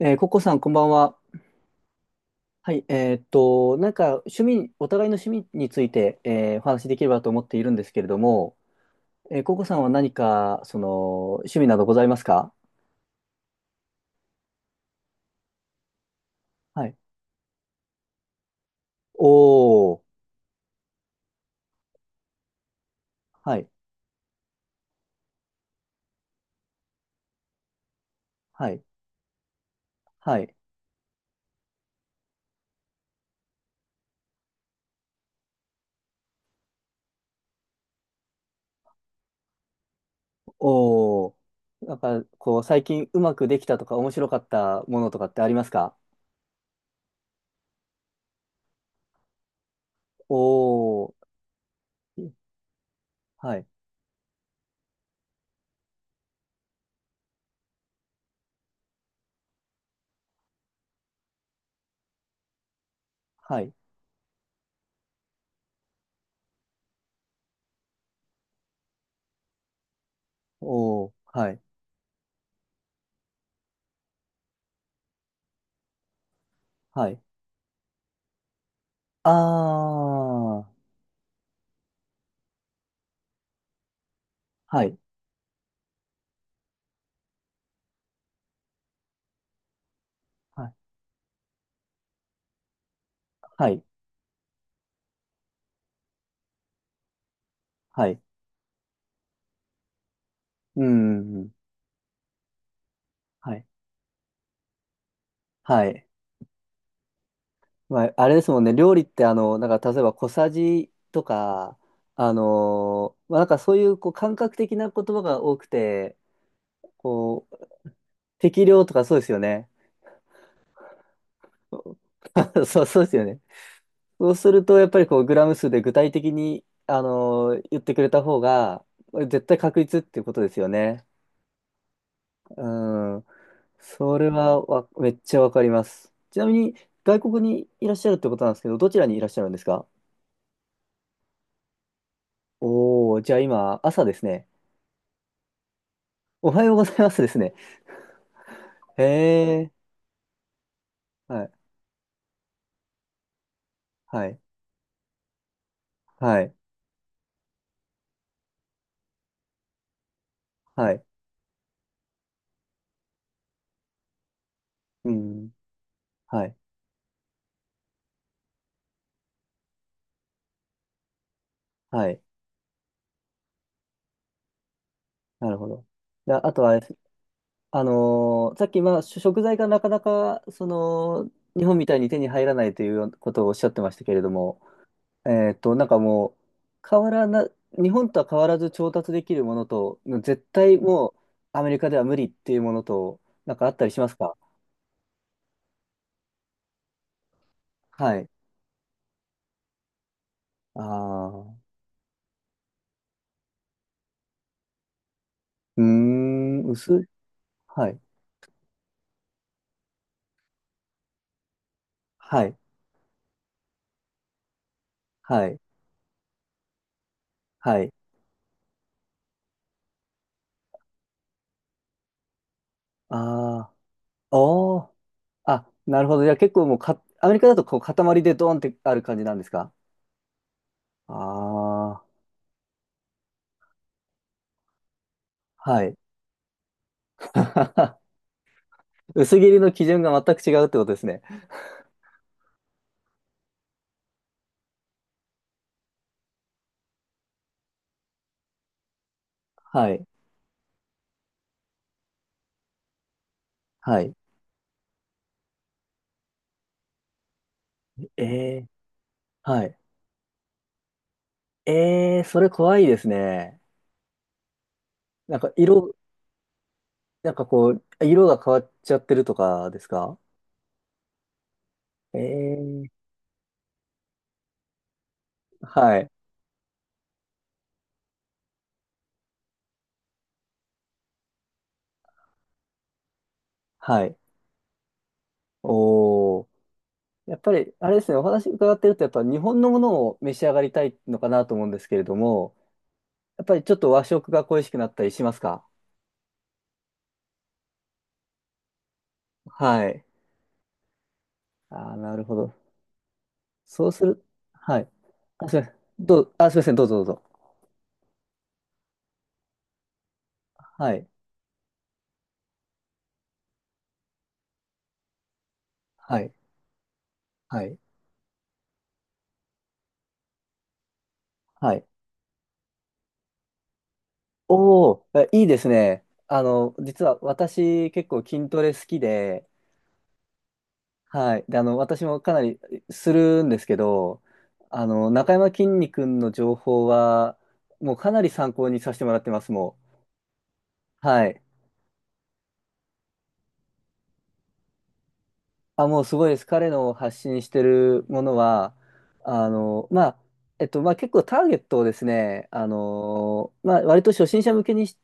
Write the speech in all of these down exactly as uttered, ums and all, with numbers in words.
えーココさん、こんばんは。はい、えーっと、なんか、趣味、お互いの趣味について、えーお話しできればと思っているんですけれども、えー、ココさんは何か、その、趣味などございますか？はい。おー、はい、はい、はい、おー。なんか、こう、最近うまくできたとか、面白かったものとかってありますか？おー、はい、はい、おー、はい、はい。あー、はい、はい、はい、はい、うーん、はい。はい。まあ、あれですもんね、料理ってあの、なんか例えば小さじとか、あのーまあ、なんかそういう、こう感覚的な言葉が多くて、こう、適量とかそうですよね。そう、そうですよね。そうすると、やっぱりこう、グラム数で具体的に、あのー言ってくれた方が、絶対確率っていうことですよね。うん。それはわ、めっちゃわかります。ちなみに、外国にいらっしゃるってことなんですけど、どちらにいらっしゃるんですか？おお、じゃあ今、朝ですね。おはようございますですね。へえ、はい、はい、はい、はい、うん、はい、はい、なるほど。であとは、あのーさっき、まあ、し食材がなかなか、その、日本みたいに手に入らないということをおっしゃってましたけれども、えっと、なんかもう、変わらな、日本とは変わらず調達できるものと、絶対もう、アメリカでは無理っていうものと、なんかあったりしますか？はい。ああ。うーん、薄い。はい。はい。はい。はい。ああ。おー、あ、なるほど。じゃあ結構もうか、アメリカだとこう塊でドーンってある感じなんですか？ああー。はい。薄切りの基準が全く違うってことですね。はい。はい。ええ。はい。ええ、それ怖いですね。なんか色、なんかこう、色が変わっちゃってるとかですか？ええ。はい。はい。おー。やっぱり、あれですね、お話伺ってると、やっぱ日本のものを召し上がりたいのかなと思うんですけれども、やっぱりちょっと和食が恋しくなったりしますか？はい。ああ、なるほど。そうする、はい。あ、すいません。どう、あ、すいません、どうぞどうぞ。はい。はい。はい。はい。おおえいいですね。あの、実は私結構筋トレ好きで、はい。で、あの、私もかなりするんですけど、あの、中山きんに君の情報は、もうかなり参考にさせてもらってます、もう。はい。あ、もうすごいです。彼の発信してるものは、あの、まあ、えっと、まあ結構ターゲットをですね、あの、まあ割と初心者向けにし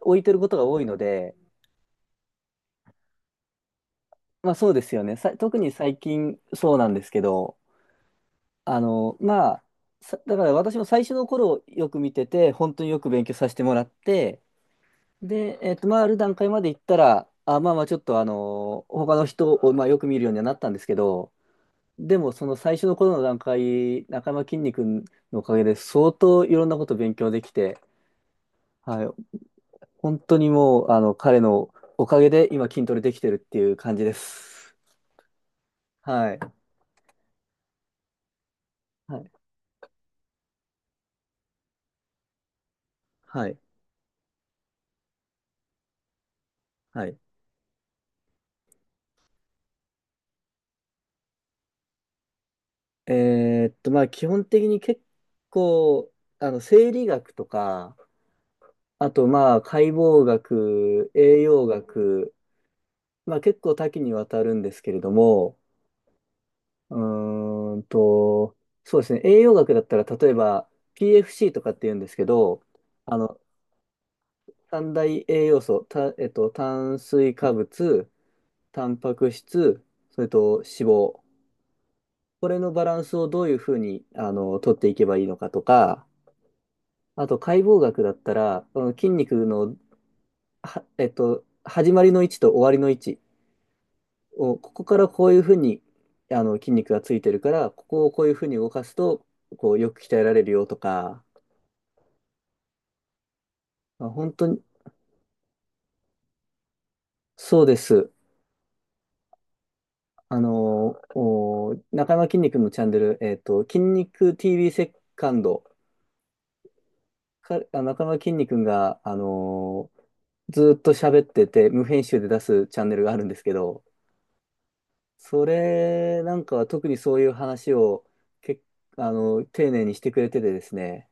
置いてることが多いので、まあそうですよね。さ、特に最近そうなんですけど、あの、まあ、さだから私も最初の頃よく見てて、本当によく勉強させてもらって、で、えっと、まあ、ある段階まで行ったら、あ、まあまあ、ちょっとあの、他の人を、まあ、よく見るようにはなったんですけど、でも、その最初の頃の段階、中山きんに君のおかげで、相当いろんなこと勉強できて、はい、本当にもう、あの、彼のおかげで今筋トレできてるっていう感じです。はい。はい。はい。はい。えーっと、まあ、基本的に結構、あの、生理学とか、あと、まあ、解剖学、栄養学、まあ、結構多岐にわたるんですけれども、うーんと、そうですね、栄養学だったら、例えば、ピーエフシー とかって言うんですけど、あの、三大栄養素、た、えっと、炭水化物、タンパク質、それと脂肪。これのバランスをどういうふうに、あの、取っていけばいいのかとか、あと解剖学だったら、あの筋肉の、は、えっと、始まりの位置と終わりの位置を、ここからこういうふうに、あの、筋肉がついてるから、ここをこういうふうに動かすと、こう、よく鍛えられるよとか、まあ本当に、そうです。あの、お、中山きんに君のチャンネル、えっと、筋肉 ティーヴィー セカンド、か、あ中山きんに君が、あの、ずーっと喋ってて、無編集で出すチャンネルがあるんですけど、それなんかは特にそういう話をけ、あの、丁寧にしてくれててですね。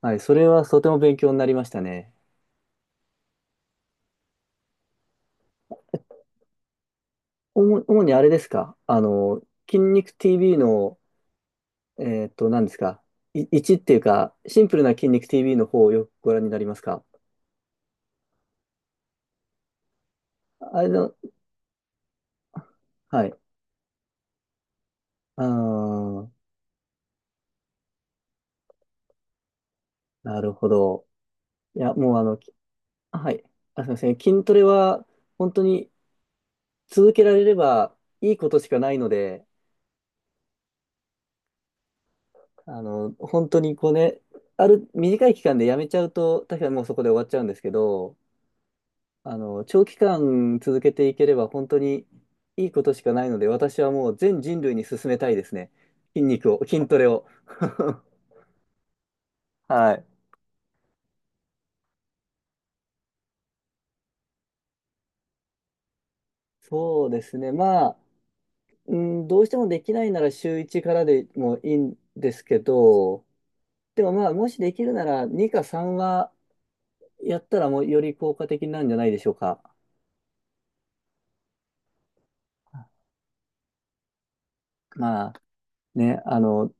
はい、それはとても勉強になりましたね。主主にあれですかあの、筋肉 ティーヴィー の、えーっと、何ですかい、いちっていうか、シンプルな筋肉 ティーヴィー の方をよくご覧になりますか？あれの、はい。あー、なるほど。いや、もうあの、きはい。あ、すみません。筋トレは本当に続けられればいいことしかないので、あの、本当にこうね、ある短い期間でやめちゃうと、確かにもうそこで終わっちゃうんですけど、あの、長期間続けていければ本当にいいことしかないので、私はもう全人類に勧めたいですね。筋肉を、筋トレを。はい。そうですね。まあ、うん、どうしてもできないなら週いちからでもいいんですけど、でもまあ、もしできるならにかさんはやったらもうより効果的なんじゃないでしょうか。まあね、あの、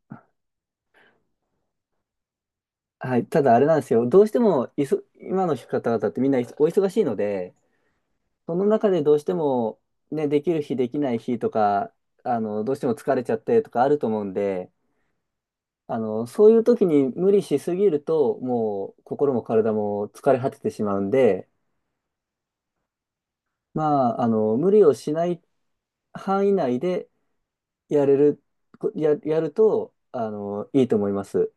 はい、ただあれなんですよ、どうしてもいそ今の方々ってみんないそお忙しいので、その中でどうしても、ね、できる日、できない日とか、あのどうしても疲れちゃってとかあると思うんで、あのそういう時に無理しすぎると、もう心も体も疲れ果ててしまうんで、まあ、あの無理をしない範囲内でやれる、こや、やるとあのいいと思います。